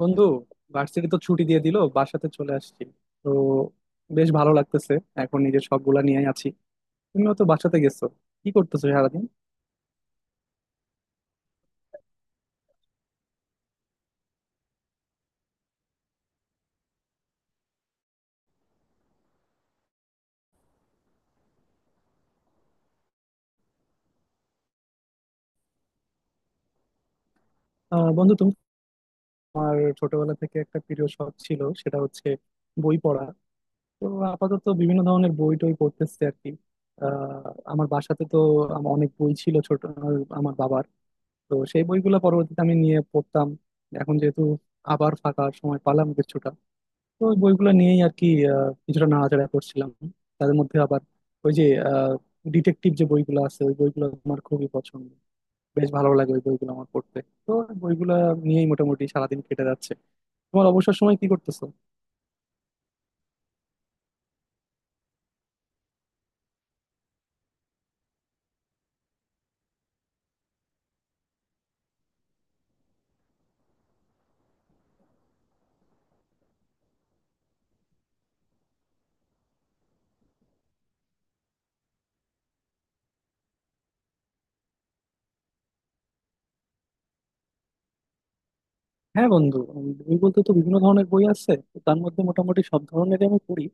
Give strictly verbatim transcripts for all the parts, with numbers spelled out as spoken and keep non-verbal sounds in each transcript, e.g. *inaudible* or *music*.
বন্ধু, ভার্সিটি তো ছুটি দিয়ে দিল। বাসাতে চলে আসছি। তো বেশ ভালো লাগতেছে। এখন নিজের শখগুলা নিয়ে আছি। তুমিও তো বাসাতে গেছো। কি করতেছো সারাদিন? আহ, বন্ধু, তুমি ছোটবেলা থেকে একটা প্রিয় শখ ছিল, সেটা হচ্ছে বই পড়া। তো আপাতত বিভিন্ন ধরনের বই টই পড়তেছে আর কি। আহ আমার বাসাতে তো আমার অনেক বই ছিল, ছোট, আহ, আমার বাবার। তো সেই বইগুলো পরবর্তীতে আমি নিয়ে পড়তাম। এখন যেহেতু আবার ফাঁকা সময় পালাম কিছুটা, তো ওই বইগুলো নিয়েই আর কি আহ, কিছুটা নাড়াচাড়া করছিলাম। তাদের মধ্যে আবার ওই যে ডিটেকটিভ যে বইগুলো আছে, ওই বইগুলো আমার খুবই পছন্দ। বেশ ভালো লাগে ওই বইগুলো আমার পড়তে। তো ওই বইগুলো নিয়েই মোটামুটি সারাদিন কেটে যাচ্ছে। তোমার অবসর সময় কি করতেছো? হ্যাঁ বন্ধু, উম, বই বলতে তো বিভিন্ন ধরনের বই আছে, তো তার মধ্যে মোটামুটি সব ধরনেরই আমি পড়ি।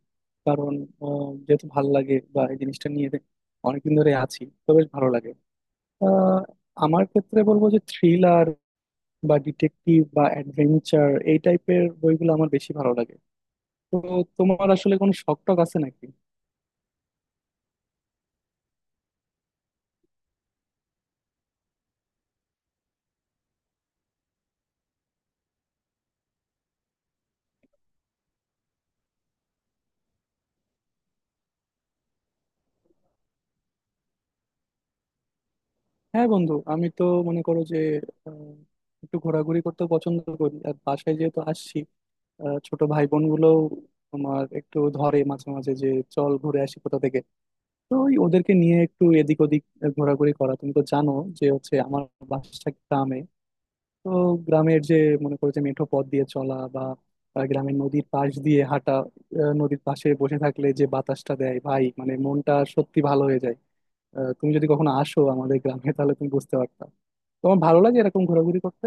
কারণ আহ, যেহেতু ভালো লাগে বা এই জিনিসটা নিয়ে অনেকদিন ধরে আছি, তো বেশ ভালো লাগে। আহ, আমার ক্ষেত্রে বলবো যে থ্রিলার বা ডিটেকটিভ বা অ্যাডভেঞ্চার এই টাইপের বইগুলো আমার বেশি ভালো লাগে। তো তোমার আসলে কোনো শখ টখ আছে নাকি? হ্যাঁ বন্ধু, আমি তো মনে করো যে আহ, একটু ঘোরাঘুরি করতে পছন্দ করি। আর বাসায় যেহেতু আসছি, আহ, ছোট ভাই বোন গুলো তোমার একটু ধরে মাঝে মাঝে যে, চল ঘুরে আসি কোথা থেকে। তো ওই ওদেরকে নিয়ে একটু এদিক ওদিক ঘোরাঘুরি করা। তুমি তো জানো যে হচ্ছে আমার বাসা গ্রামে। তো গ্রামের যে, মনে করো যে মেঠো পথ দিয়ে চলা বা আহ, গ্রামের নদীর পাশ দিয়ে হাঁটা, আহ, নদীর পাশে বসে থাকলে যে বাতাসটা দেয়, ভাই মানে মনটা সত্যি ভালো হয়ে যায়। আহ, তুমি যদি কখনো আসো আমাদের গ্রামে *laughs* তাহলে তুমি বুঝতে পারতা। তোমার ভালো লাগে এরকম ঘোরাঘুরি করতে?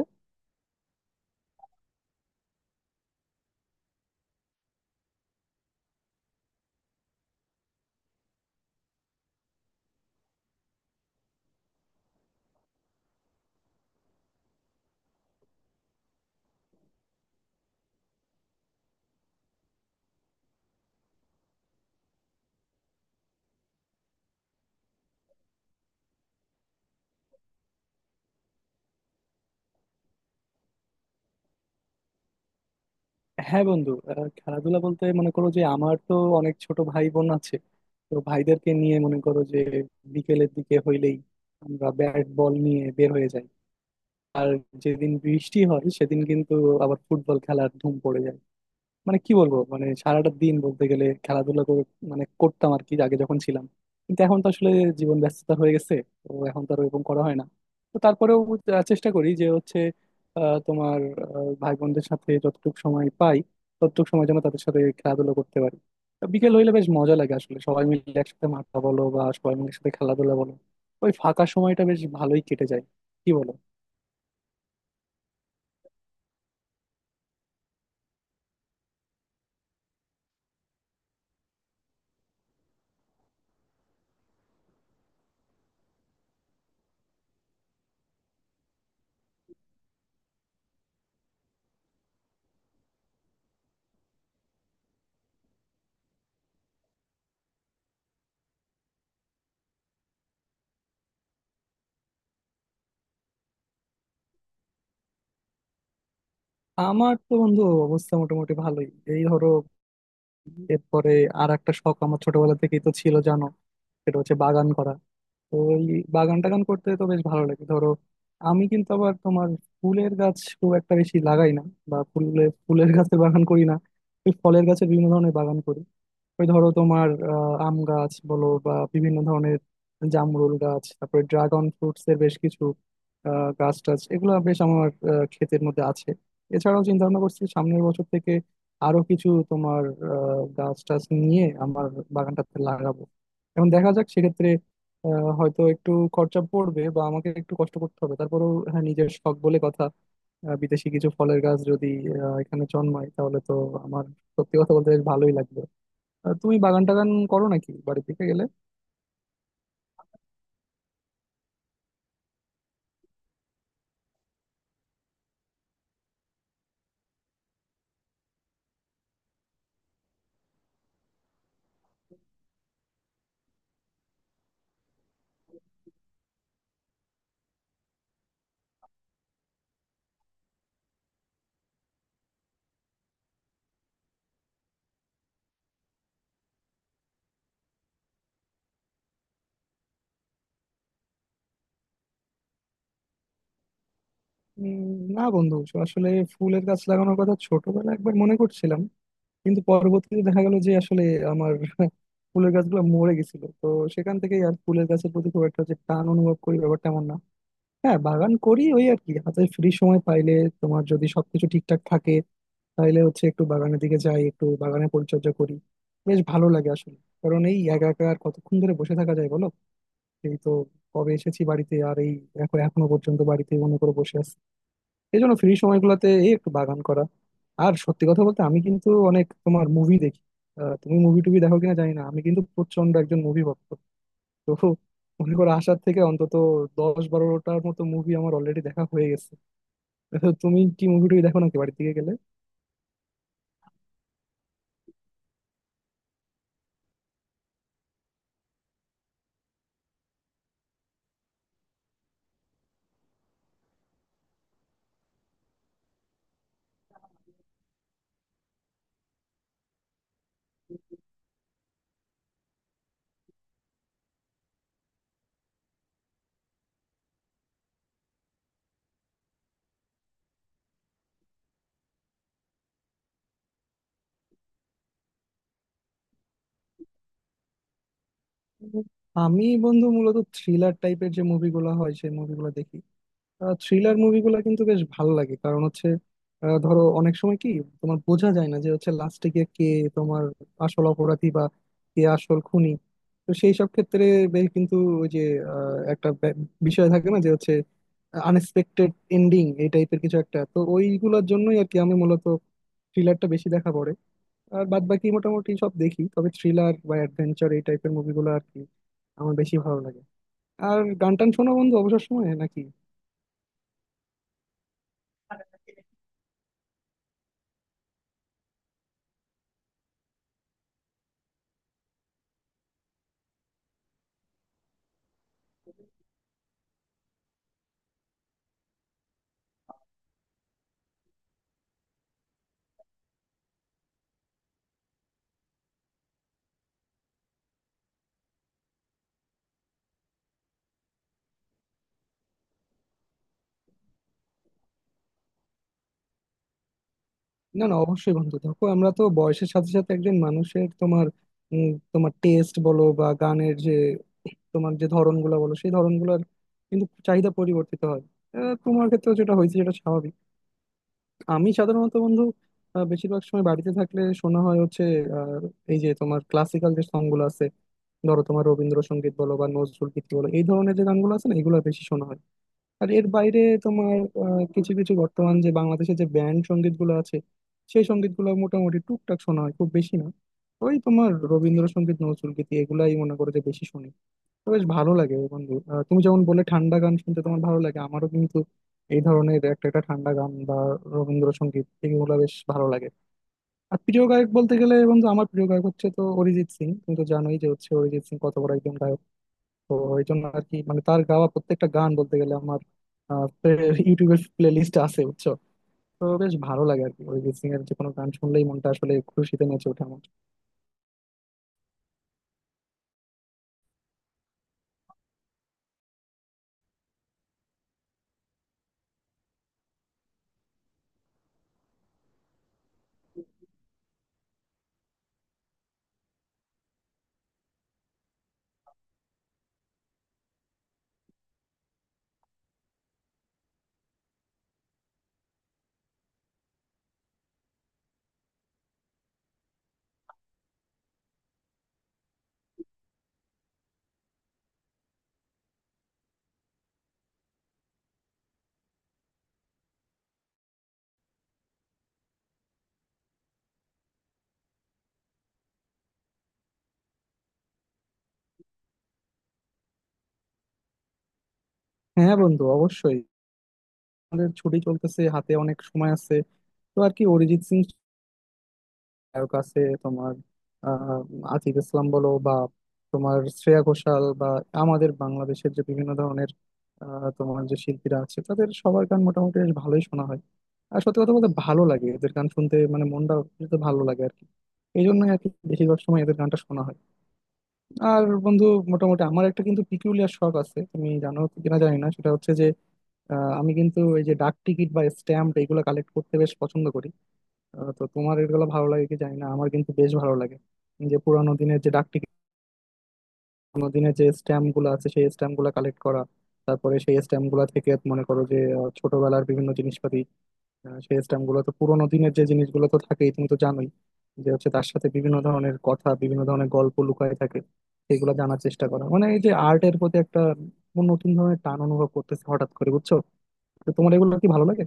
হ্যাঁ বন্ধু, আহ, খেলাধুলা বলতে মনে করো যে আমার তো অনেক ছোট ভাই বোন আছে। তো ভাইদেরকে নিয়ে মনে করো যে বিকেলের দিকে হইলেই আমরা ব্যাট বল নিয়ে বের হয়ে যাই। আর যেদিন বৃষ্টি হয় সেদিন কিন্তু আবার ফুটবল খেলার ধুম পড়ে যায়। মানে কি বলবো, মানে সারাটা দিন বলতে গেলে খেলাধুলা করে, মানে করতাম আর কি আগে যখন ছিলাম। কিন্তু এখন তো আসলে জীবন ব্যস্ততা হয়ে গেছে। তো এখন তো আর ওরকম করা হয় না। তো তারপরেও আহ, চেষ্টা করি যে হচ্ছে আহ, তোমার আহ, ভাই বোনদের সাথে যতটুকু সময় পাই ততটুকু সময় যেন তাদের সাথে খেলাধুলা করতে পারি। তো বিকেল হইলে বেশ মজা লাগে আসলে, সবাই মিলে একসাথে মাঠা বলো বা সবাই মিলে একসাথে খেলাধুলা বলো। ওই ফাঁকা সময়টা বেশ ভালোই কেটে যায়, কি বলো? আমার তো বন্ধু অবস্থা মোটামুটি ভালোই। এই ধরো, এরপরে আর একটা শখ আমার ছোটবেলা থেকেই তো ছিল জানো, সেটা হচ্ছে বাগান করা। তো এই বাগান টাগান করতে তো বেশ ভালো লাগে। ধরো, আমি কিন্তু আবার তোমার ফুলের গাছ খুব একটা বেশি লাগাই না, বা ফুলের ফুলের গাছের বাগান করি না। ওই ফলের গাছের বিভিন্ন ধরনের বাগান করি। ওই ধরো তোমার আহ, আম গাছ বলো বা বিভিন্ন ধরনের জামরুল গাছ, তারপরে ড্রাগন ফ্রুটস এর বেশ কিছু আহ, গাছ টাছ এগুলো বেশ আমার আহ, ক্ষেতের মধ্যে আছে। এছাড়াও চিন্তা ভাবনা করছি সামনের বছর থেকে আরো কিছু তোমার আহ, গাছ টাছ নিয়ে আমার বাগানটাতে লাগাবো। এখন দেখা যাক, সেক্ষেত্রে আহ, হয়তো একটু খরচা পড়বে বা আমাকে একটু কষ্ট করতে হবে, তারপরেও হ্যাঁ নিজের শখ বলে কথা। আহ, বিদেশি কিছু ফলের গাছ যদি আহ, এখানে জন্মায় তাহলে তো আমার, সত্যি কথা বলতে, বেশ ভালোই লাগবে। আহ, তুমি বাগান টাগান করো নাকি বাড়ি থেকে গেলে? উম, না বন্ধু, আসলে ফুলের গাছ লাগানোর কথা ছোটবেলায় একবার মনে করছিলাম, কিন্তু পরবর্তীতে দেখা গেল যে আসলে আমার *laughs* ফুলের গাছগুলো মরে গেছিল। তো সেখান থেকেই আর ফুলের গাছের প্রতি খুব একটা যে টান অনুভব করি ব্যাপারটা এমন না। হ্যাঁ, বাগান করি ওই আর কি হাতে ফ্রি সময় পাইলে। তোমার যদি সবকিছু ঠিকঠাক থাকে তাহলে হচ্ছে একটু বাগানের দিকে যাই, একটু বাগানে পরিচর্যা করি। বেশ ভালো লাগে আসলে, কারণ এই একা একা আর কতক্ষণ ধরে বসে থাকা যায় বলো। এই তো কবে এসেছি বাড়িতে, আর এই দেখো এখনো পর্যন্ত বাড়িতে মনে করে বসে আছি। এই জন্য ফ্রি সময়গুলোতে এই একটু বাগান করা। আর সত্যি কথা বলতে, আমি কিন্তু অনেক তোমার মুভি দেখি। আহ, তুমি মুভি টুভি দেখো কিনা জানি না, আমি কিন্তু প্রচন্ড একজন মুভি ভক্ত। তো মনে করো আসার থেকে অন্তত দশ বারোটার মতো মুভি আমার অলরেডি দেখা হয়ে গেছে। তো তুমি কি মুভি টুভি দেখো নাকি বাড়ির দিকে গেলে? আমি বন্ধু মূলত থ্রিলার টাইপের যে মুভিগুলো হয় সেই মুভিগুলো দেখি। থ্রিলার মুভিগুলো কিন্তু বেশ ভালো লাগে, কারণ হচ্ছে আহ, ধরো অনেক সময় কি তোমার বোঝা যায় না যে হচ্ছে লাস্টে গিয়ে কে তোমার আসল অপরাধী বা কে আসল খুনি। তো সেই সব ক্ষেত্রে বেশ কিন্তু ওই যে আহ, একটা ব্যা- বিষয় থাকে না যে হচ্ছে আনএক্সপেক্টেড এন্ডিং এই টাইপের কিছু একটা, তো ওইগুলোর জন্যই আর কি আমি মূলত থ্রিলারটা বেশি দেখা পড়ে। আর বাদ বাকি মোটামুটি সব দেখি, তবে থ্রিলার বা অ্যাডভেঞ্চার এই টাইপের মুভিগুলো আর কি আমার বেশি ভালো লাগে। আর গান টান শোনো বন্ধু অবসর সময়ে নাকি? না, না, অবশ্যই বন্ধু। দেখো আমরা তো বয়সের সাথে সাথে একজন মানুষের তোমার উম, তোমার টেস্ট বলো বা গানের যে তোমার যে ধরনগুলো বলো সেই ধরনগুলোর কিন্তু চাহিদা পরিবর্তিত হয়। আহ, তোমার ক্ষেত্রে যেটা হয়েছে সেটা স্বাভাবিক। আমি সাধারণত বন্ধু আহ, বেশিরভাগ সময় বাড়িতে থাকলে শোনা হয় হচ্ছে আহ, এই যে তোমার ক্লাসিক্যাল যে সং গুলো আছে, ধরো তোমার রবীন্দ্রসঙ্গীত বলো বা নজরুল গীতি বলো এই ধরনের যে গানগুলো আছে না, এগুলো বেশি শোনা হয়। আর এর বাইরে তোমার আহ, কিছু কিছু বর্তমান যে বাংলাদেশের যে ব্যান্ড সঙ্গীত গুলো আছে সেই সঙ্গীত গুলো মোটামুটি টুকটাক শোনা হয়, খুব বেশি না। ওই তোমার রবীন্দ্রসঙ্গীত নজরুল গীতি এগুলাই মনে করো যে বেশি শুনি। তো বেশ ভালো লাগে বন্ধু। আহ, তুমি যেমন বলে ঠান্ডা গান শুনতে তোমার ভালো লাগে, আমারও কিন্তু এই ধরনের একটা একটা ঠান্ডা গান বা রবীন্দ্রসঙ্গীত এগুলো বেশ ভালো লাগে। আর প্রিয় গায়ক বলতে গেলে বন্ধু, আমার প্রিয় গায়ক হচ্ছে তো অরিজিৎ সিং। তুমি তো জানোই যে হচ্ছে অরিজিৎ সিং কত বড় একজন গায়ক। তো এই জন্য আর কি মানে তার গাওয়া প্রত্যেকটা গান বলতে গেলে আমার ইউটিউবের প্লে লিস্টে আছে, বুঝছো? তো বেশ ভালো লাগে আর কি, অরিজিৎ সিং এর যে কোনো গান শুনলেই মনটা আসলে খুশিতে নেচে ওঠে আমার। হ্যাঁ বন্ধু, অবশ্যই, আমাদের ছুটি চলতেছে, হাতে অনেক সময় আছে। তো আর কি অরিজিৎ সিং নায়ক আছে তোমার, আহ আতিফ ইসলাম বলো বা তোমার শ্রেয়া ঘোষাল বা আমাদের বাংলাদেশের যে বিভিন্ন ধরনের আহ, তোমার যে শিল্পীরা আছে তাদের সবার গান মোটামুটি বেশ ভালোই শোনা হয়। আর সত্যি কথা বলতে ভালো লাগে এদের গান শুনতে, মানে মনটা তো ভালো লাগে আর কি। এই জন্যই আর কি বেশিরভাগ সময় এদের গানটা শোনা হয়। আর বন্ধু, মোটামুটি আমার একটা কিন্তু পিকুলিয়ার শখ আছে তুমি জানো কিনা জানি না, সেটা হচ্ছে যে আহ, আমি কিন্তু এই যে ডাক টিকিট বা স্ট্যাম্প এগুলো কালেক্ট করতে বেশ পছন্দ করি। আহ, তো তোমার এগুলো ভালো লাগে কি জানি না, আমার কিন্তু বেশ ভালো লাগে, যে পুরানো দিনের যে ডাক টিকিট পুরানো দিনের যে স্ট্যাম্প গুলো আছে সেই স্ট্যাম্প গুলো কালেক্ট করা। তারপরে সেই স্ট্যাম্প গুলা থেকে মনে করো যে আহ, ছোটবেলার বিভিন্ন জিনিসপাতি, আহ, সেই স্ট্যাম্প গুলো তো পুরোনো দিনের যে জিনিসগুলো তো থাকেই, তুমি তো জানোই যে হচ্ছে তার সাথে বিভিন্ন ধরনের কথা বিভিন্ন ধরনের গল্প লুকায় থাকে। সেগুলো জানার চেষ্টা করা মানে এই যে আর্টের প্রতি একটা নতুন ধরনের টান অনুভব করতেছে হঠাৎ করে, বুঝছো? তো তোমার এগুলো কি ভালো লাগে?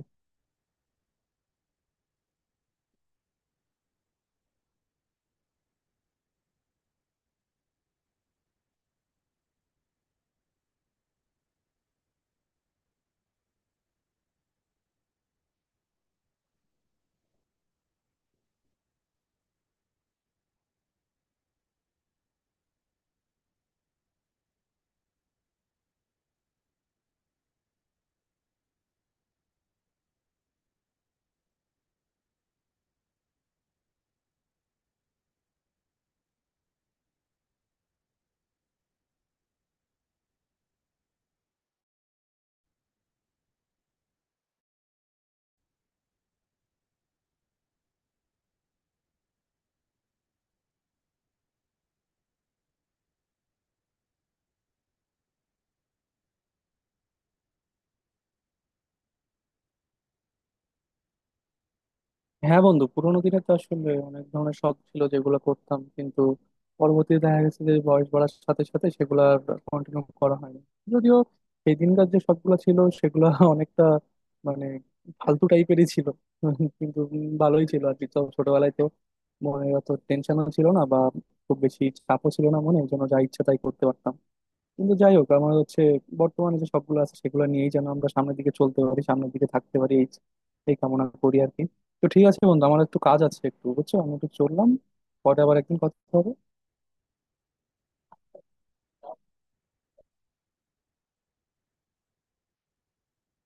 হ্যাঁ বন্ধু, পুরোনো দিনে তো আসলে অনেক ধরনের শখ ছিল যেগুলো করতাম, কিন্তু পরবর্তীতে দেখা গেছে যে বয়স বাড়ার সাথে সাথে সেগুলো আর কন্টিনিউ করা হয়নি। যদিও সেই দিনকার যে শখগুলো ছিল সেগুলো *laughs* অনেকটা মানে ফালতু টাইপেরই ছিল, কিন্তু উম ভালোই ছিল আর কি। তো ছোটবেলায় তো মনে অত টেনশনও ছিল না বা খুব বেশি চাপও ছিল না মনে, এই জন্য যা ইচ্ছা তাই করতে পারতাম। কিন্তু যাই হোক, আমার হচ্ছে বর্তমানে যে সবগুলো আছে সেগুলো নিয়েই যেন আমরা সামনের দিকে চলতে পারি, সামনের দিকে থাকতে পারি, এই এই কামনা করি আর কি। তো ঠিক আছে বন্ধু, আমার একটু কাজ আছে, একটু বুঝছো আমি একটু চললাম। পরে আবার একদিন কথা হবে।